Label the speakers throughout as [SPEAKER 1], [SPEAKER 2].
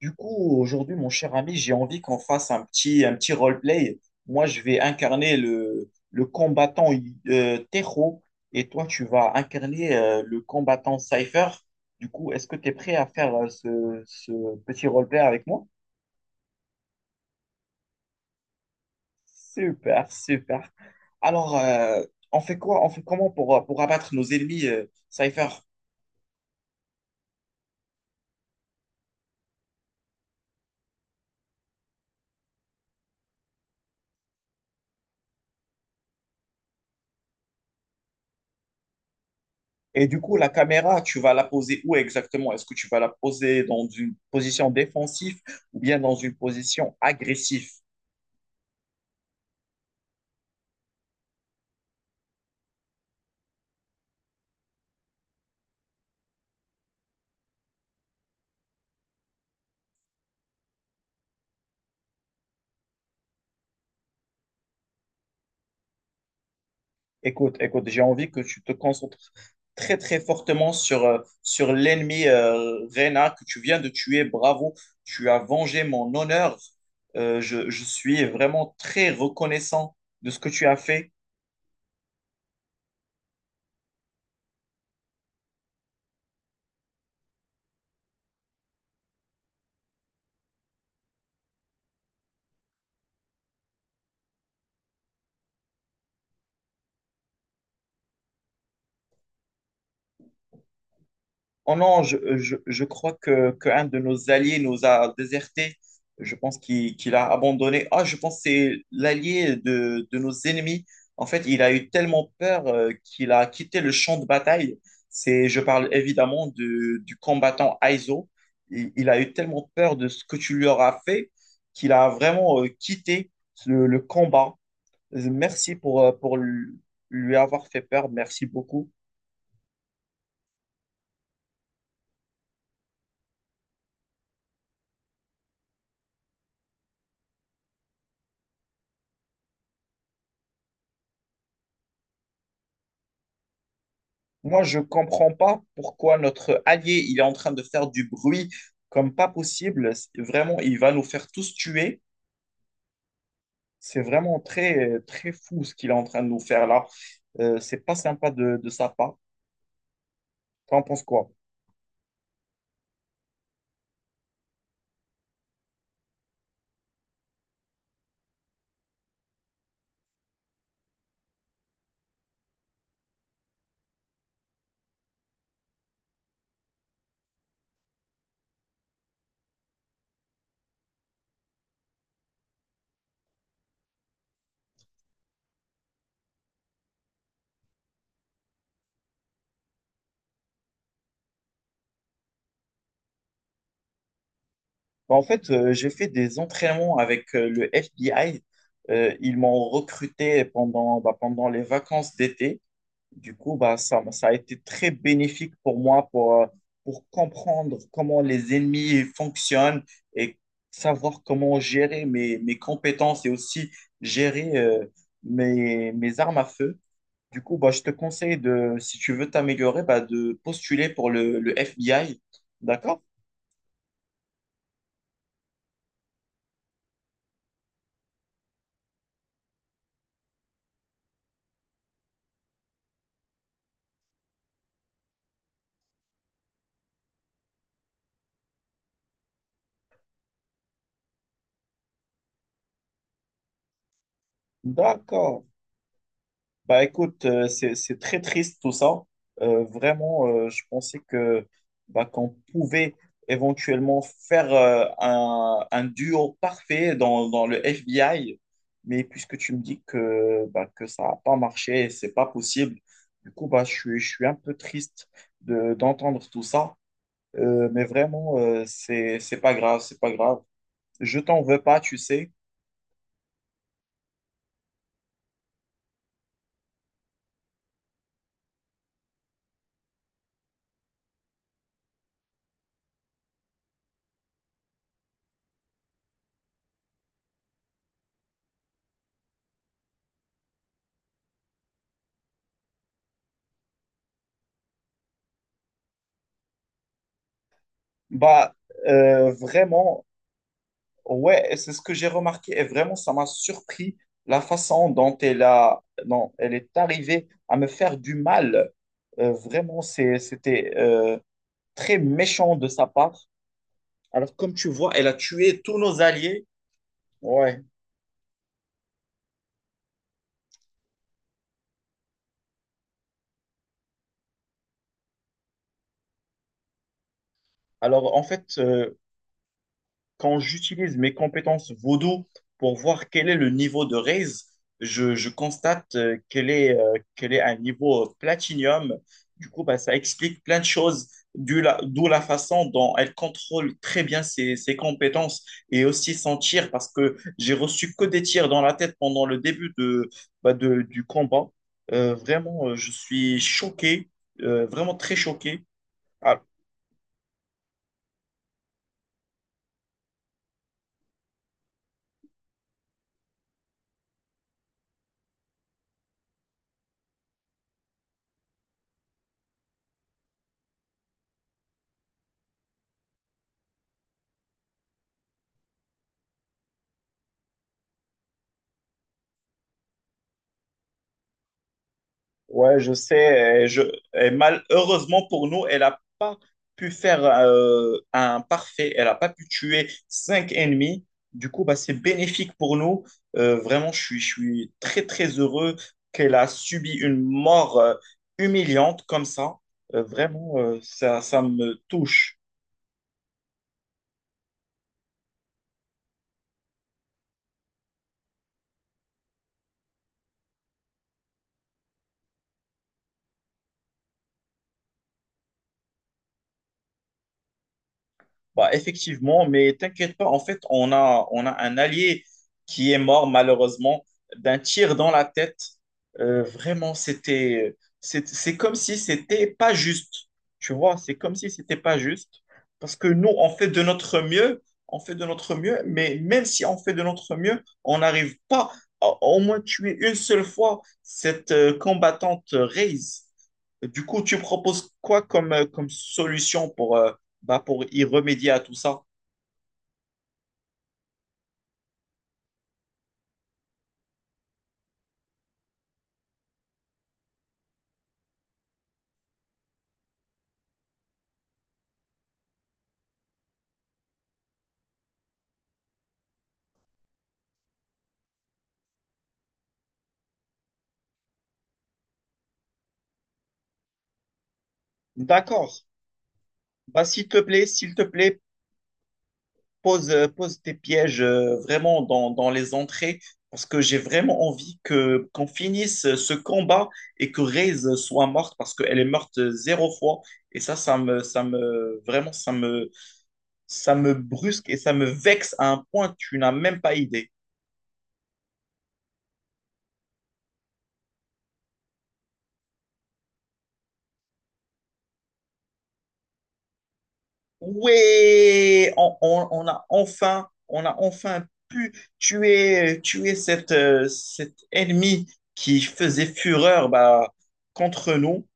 [SPEAKER 1] Du coup, aujourd'hui, mon cher ami, j'ai envie qu'on fasse un petit roleplay. Moi, je vais incarner le combattant Tejo et toi, tu vas incarner le combattant Cypher. Du coup, est-ce que tu es prêt à faire ce petit roleplay avec moi? Super, super. Alors, on fait quoi? On fait comment pour abattre nos ennemis, Cypher? Et du coup, la caméra, tu vas la poser où exactement? Est-ce que tu vas la poser dans une position défensive ou bien dans une position agressive? Écoute, écoute, j'ai envie que tu te concentres très, très fortement sur, sur l'ennemi Reyna que tu viens de tuer. Bravo, tu as vengé mon honneur. Je suis vraiment très reconnaissant de ce que tu as fait. Oh non, je crois que, qu'un de nos alliés nous a désertés. Je pense qu'il a abandonné. Ah, je pense que c'est l'allié de nos ennemis. En fait, il a eu tellement peur qu'il a quitté le champ de bataille. C'est, je parle évidemment du combattant Aizo. Il a eu tellement peur de ce que tu lui auras fait qu'il a vraiment quitté le combat. Merci pour lui avoir fait peur. Merci beaucoup. Moi, je comprends pas pourquoi notre allié, il est en train de faire du bruit comme pas possible. C'est- Vraiment, il va nous faire tous tuer. C'est vraiment très, très fou ce qu'il est en train de nous faire là. C'est pas sympa de sa part. T'en penses quoi? Bah, en fait, j'ai fait des entraînements avec le FBI. Ils m'ont recruté pendant, bah, pendant les vacances d'été. Du coup, bah, ça a été très bénéfique pour moi pour comprendre comment les ennemis fonctionnent et savoir comment gérer mes, mes compétences et aussi gérer mes, mes armes à feu. Du coup, bah, je te conseille de, si tu veux t'améliorer, bah, de postuler pour le FBI. D'accord? D'accord. Bah écoute, c'est très triste tout ça. Vraiment, je pensais que bah, qu'on pouvait éventuellement faire un duo parfait dans, dans le FBI, mais puisque tu me dis que, bah, que ça n'a pas marché, c'est pas possible. Du coup, bah, je suis un peu triste de, d'entendre tout ça. Mais vraiment, c'est pas grave, c'est pas grave. Je t'en veux pas, tu sais. Bah, vraiment, ouais, et c'est ce que j'ai remarqué et vraiment, ça m'a surpris la façon dont elle a, dont elle est arrivée à me faire du mal. Vraiment, c'est, c'était très méchant de sa part. Alors, comme tu vois, elle a tué tous nos alliés. Ouais. Alors, en fait, quand j'utilise mes compétences vaudou pour voir quel est le niveau de raise, je constate qu'elle est à un niveau platinium. Du coup, bah, ça explique plein de choses, d'où la façon dont elle contrôle très bien ses, ses compétences et aussi son tir, parce que j'ai reçu que des tirs dans la tête pendant le début de, bah, de- du combat. Vraiment, je suis choqué, vraiment très choqué. Ah, ouais, je sais. Et je, et malheureusement pour nous, elle n'a pas pu faire un parfait. Elle n'a pas pu tuer 5 ennemis. Du coup, bah, c'est bénéfique pour nous. Vraiment, je suis très, très heureux qu'elle a subi une mort humiliante comme ça. Vraiment, ça, ça me touche. Bah, effectivement, mais t'inquiète pas, en fait, on a un allié qui est mort malheureusement d'un tir dans la tête. Vraiment, c'était, c'est comme si c'était pas juste. Tu vois, c'est comme si c'était pas juste. Parce que nous, on fait de notre mieux, on fait de notre mieux, mais même si on fait de notre mieux, on n'arrive pas à au moins tuer une seule fois cette combattante Raze. Du coup, tu proposes quoi comme, comme solution pour, bah, pour y remédier à tout ça. D'accord. Bah, s'il te plaît, pose, pose tes pièges vraiment dans, dans les entrées parce que j'ai vraiment envie que qu'on finisse ce combat et que Reyes soit morte parce qu'elle est morte 0 fois. Et ça, ça me, vraiment, ça me brusque et ça me vexe à un point, tu n'as même pas idée. Ouais, on a enfin pu tuer, tuer cette, cet ennemi qui faisait fureur bah, contre nous.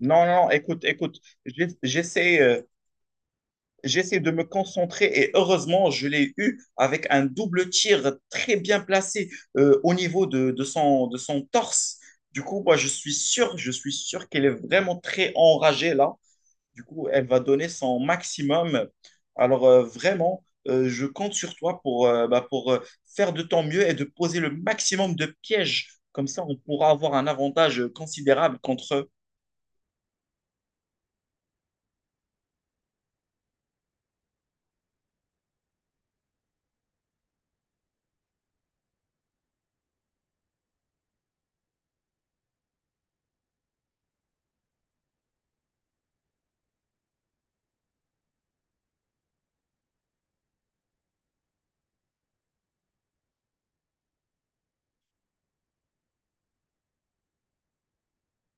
[SPEAKER 1] Non, non, écoute, écoute, j'ai- j'essaie, j'essaie de me concentrer et heureusement, je l'ai eu avec un double tir très bien placé au niveau de son torse. Du coup, moi, je suis sûr qu'elle est vraiment très enragée là. Du coup, elle va donner son maximum. Alors, vraiment, je compte sur toi pour, bah, pour faire de ton mieux et de poser le maximum de pièges. Comme ça, on pourra avoir un avantage considérable contre eux.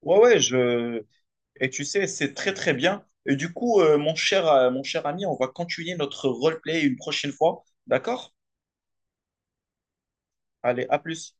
[SPEAKER 1] Ouais, ouais, je... Et tu sais, c'est très, très bien. Et du coup, mon cher ami, on va continuer notre roleplay une prochaine fois. D'accord? Allez, à plus.